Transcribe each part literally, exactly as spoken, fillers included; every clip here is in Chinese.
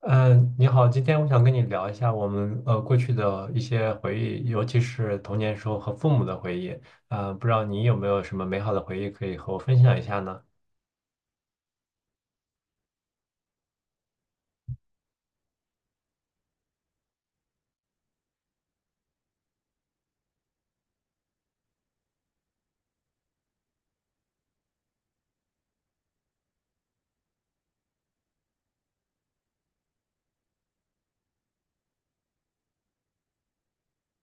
嗯，呃你好，今天我想跟你聊一下我们呃过去的一些回忆，尤其是童年时候和父母的回忆。呃，不知道你有没有什么美好的回忆可以和我分享一下呢？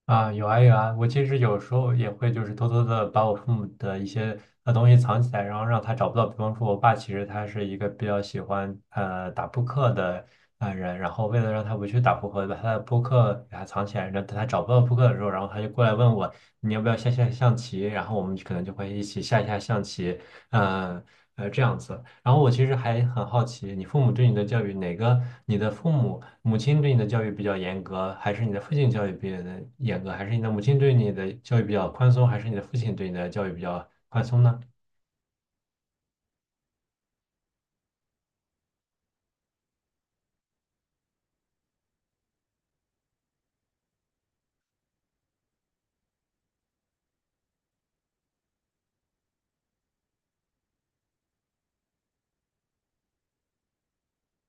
啊，有啊有啊，我其实有时候也会就是偷偷的把我父母的一些呃东西藏起来，然后让他找不到。比方说，我爸其实他是一个比较喜欢呃打扑克的呃人，然后为了让他不去打扑克，把他的扑克给他藏起来，然后等他找不到扑克的时候，然后他就过来问我你要不要下下象棋，然后我们可能就会一起下一下象棋，呃呃这样子。然后我其实还很好奇，你父母对你的教育，哪个你的父母？母亲对你的教育比较严格，还是你的父亲教育比较的严格，还是你的母亲对你的教育比较宽松，还是你的父亲对你的教育比较宽松呢？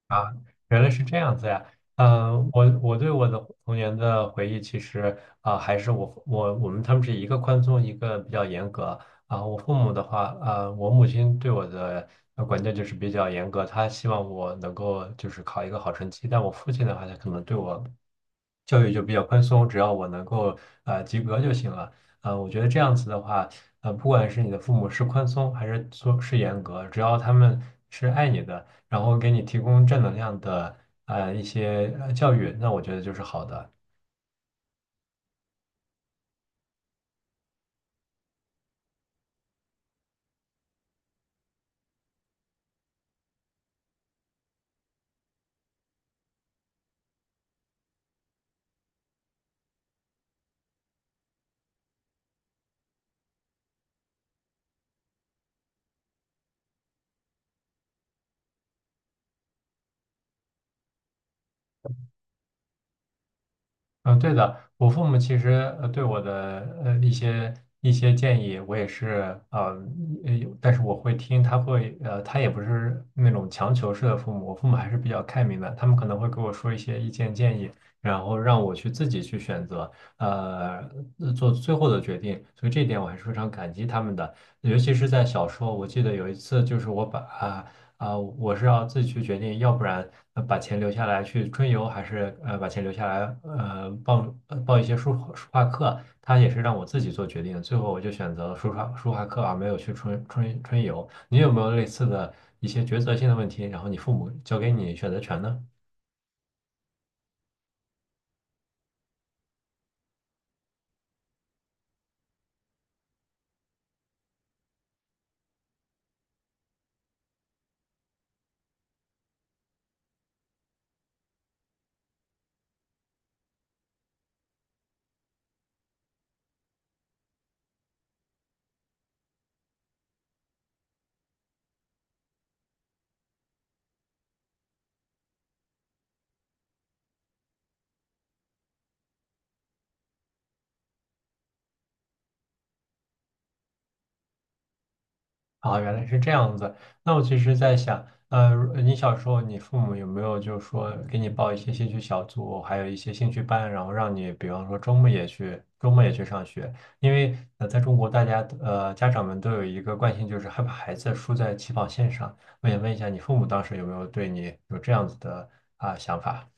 啊，原来是这样子呀。嗯、我我对我的童年的回忆，其实啊、还是我我我们他们是一个宽松，一个比较严格啊、我父母的话，呃，我母亲对我的呃管教就是比较严格，她希望我能够就是考一个好成绩。但我父亲的话，他可能对我教育就比较宽松，只要我能够呃及格就行了。呃，我觉得这样子的话，呃，不管是你的父母是宽松还是说是严格，只要他们是爱你的。然后给你提供正能量的呃一些呃教育，那我觉得就是好的。嗯，对的，我父母其实呃对我的呃一些一些建议，我也是呃，呃有但是我会听，他会呃，他也不是那种强求式的父母，我父母还是比较开明的，他们可能会给我说一些意见建议，然后让我去自己去选择，呃，呃做最后的决定，所以这一点我还是非常感激他们的，尤其是在小时候，我记得有一次就是我把啊、啊、我是要自己去决定，要不然呃把钱留下来去春游，还是呃把钱留下来呃报呃报一些书书画课，他也是让我自己做决定的最后我就选择了书画书画课而没有去春春春游。你有没有类似的一些抉择性的问题？然后你父母交给你选择权呢？啊，原来是这样子。那我其实在想，呃，如你小时候，你父母有没有就是说给你报一些兴趣小组，还有一些兴趣班，然后让你，比方说周末也去，周末也去上学？因为呃，在中国，大家呃家长们都有一个惯性，就是害怕孩子输在起跑线上。我想问一下，你父母当时有没有对你有这样子的啊、想法？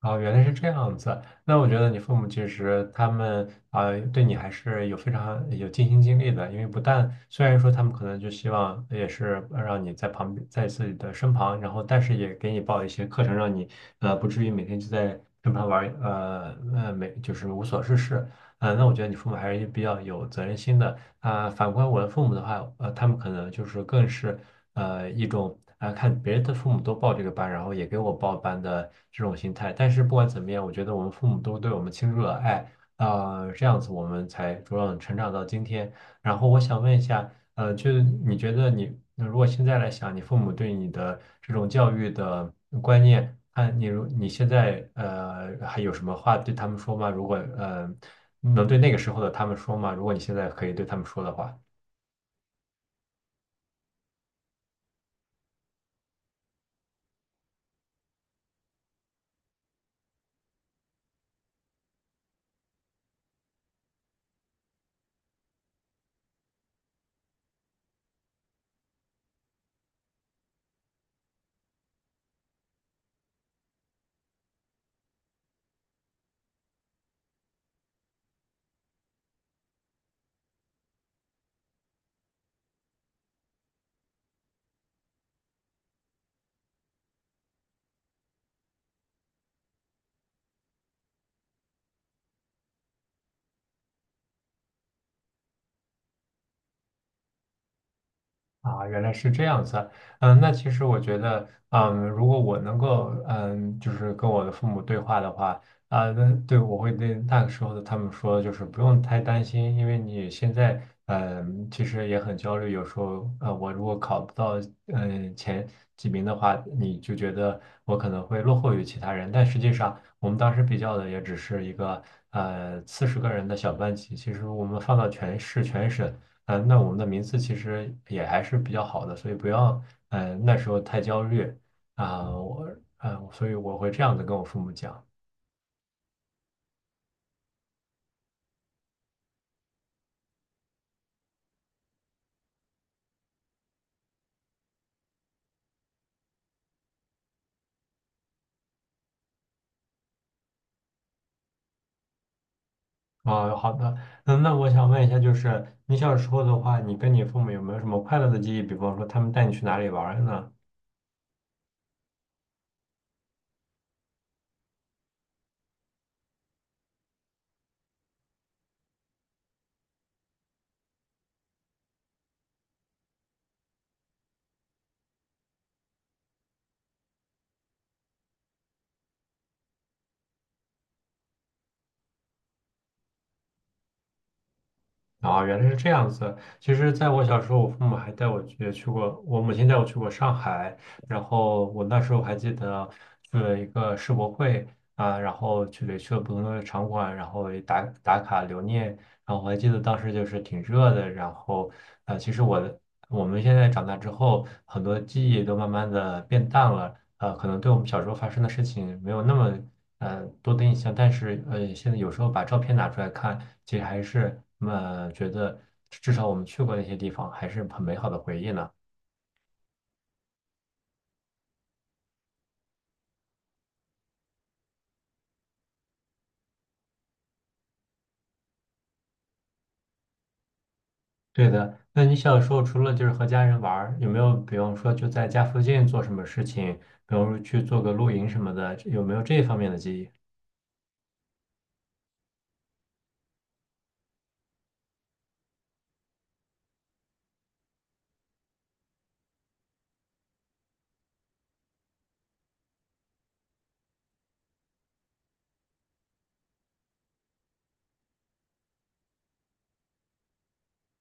哦，原来是这样子。那我觉得你父母其实他们啊、呃对你还是有非常有尽心尽力的。因为不但虽然说他们可能就希望也是呃让你在旁边，在自己的身旁，然后但是也给你报一些课程，让你呃不至于每天就在身旁玩儿呃呃没就是无所事事。呃，那我觉得你父母还是比较有责任心的。啊、反观我的父母的话，呃，他们可能就是更是。呃一种啊、看别人的父母都报这个班，然后也给我报班的这种心态。但是不管怎么样，我觉得我们父母都对我们倾注了爱，啊，这样子我们才茁壮成长到今天。然后我想问一下，呃，就是你觉得你那如果现在来想，你父母对你的这种教育的观念，看你如你现在呃还有什么话对他们说吗？如果呃能对那个时候的他们说吗？如果你现在可以对他们说的话。啊，原来是这样子啊。嗯，那其实我觉得，嗯，如果我能够，嗯，就是跟我的父母对话的话，啊，那对我会对那个时候的他们说，就是不用太担心，因为你现在，嗯，其实也很焦虑，有时候，呃，我如果考不到，嗯，前几名的话，你就觉得我可能会落后于其他人，但实际上，我们当时比较的也只是一个，呃，四十个人的小班级，其实我们放到全市全省。嗯，呃那我们的名次其实也还是比较好的，所以不要，嗯，那时候太焦虑啊，我，嗯，所以我会这样子跟我父母讲。啊，好的，嗯，那我想问一下，就是你小时候的话，你跟你父母有没有什么快乐的记忆？比方说，他们带你去哪里玩儿呢？啊，原来是这样子。其实，在我小时候，我父母还带我去去过，我母亲带我去过上海，然后我那时候还记得去了一个世博会啊，然后去了去了不同的场馆，然后也打打卡留念。然后我还记得当时就是挺热的，然后呃，其实我的我们现在长大之后，很多记忆都慢慢的变淡了，呃，可能对我们小时候发生的事情没有那么呃多的印象，但是呃，现在有时候把照片拿出来看，其实还是呃觉得至少我们去过那些地方，还是很美好的回忆呢。对的，那你小时候除了就是和家人玩儿，有没有比方说就在家附近做什么事情，比方说去做个露营什么的，有没有这方面的记忆？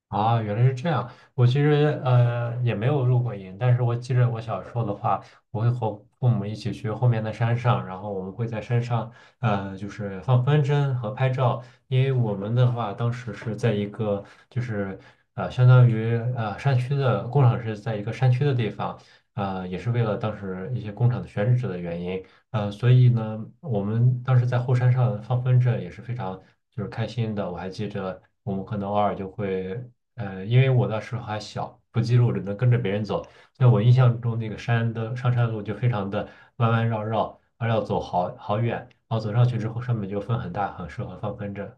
啊，原来是这样。我其实呃也没有入过营，但是我记着我小时候的话，我会和父母一起去后面的山上，然后我们会在山上呃就是放风筝和拍照，因为我们的话当时是在一个就是呃相当于呃山区的工厂是在一个山区的地方，呃也是为了当时一些工厂的选址的原因，呃所以呢我们当时在后山上放风筝也是非常就是开心的，我还记着。我们可能偶尔就会呃，因为我那时候还小，不记录，只能跟着别人走。在我印象中，那个山的上山路就非常的弯弯绕绕，还要走好好远。然后走上去之后，上面就风很大，很适合放风筝。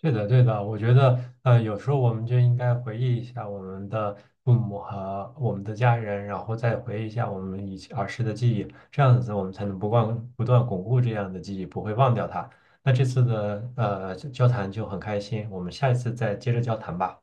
对的，对的，我觉得，呃，有时候我们就应该回忆一下我们的父母和我们的家人，然后再回忆一下我们以前儿时的记忆，这样子我们才能不忘不断巩固这样的记忆，不会忘掉它。那这次的呃交谈就很开心，我们下一次再接着交谈吧。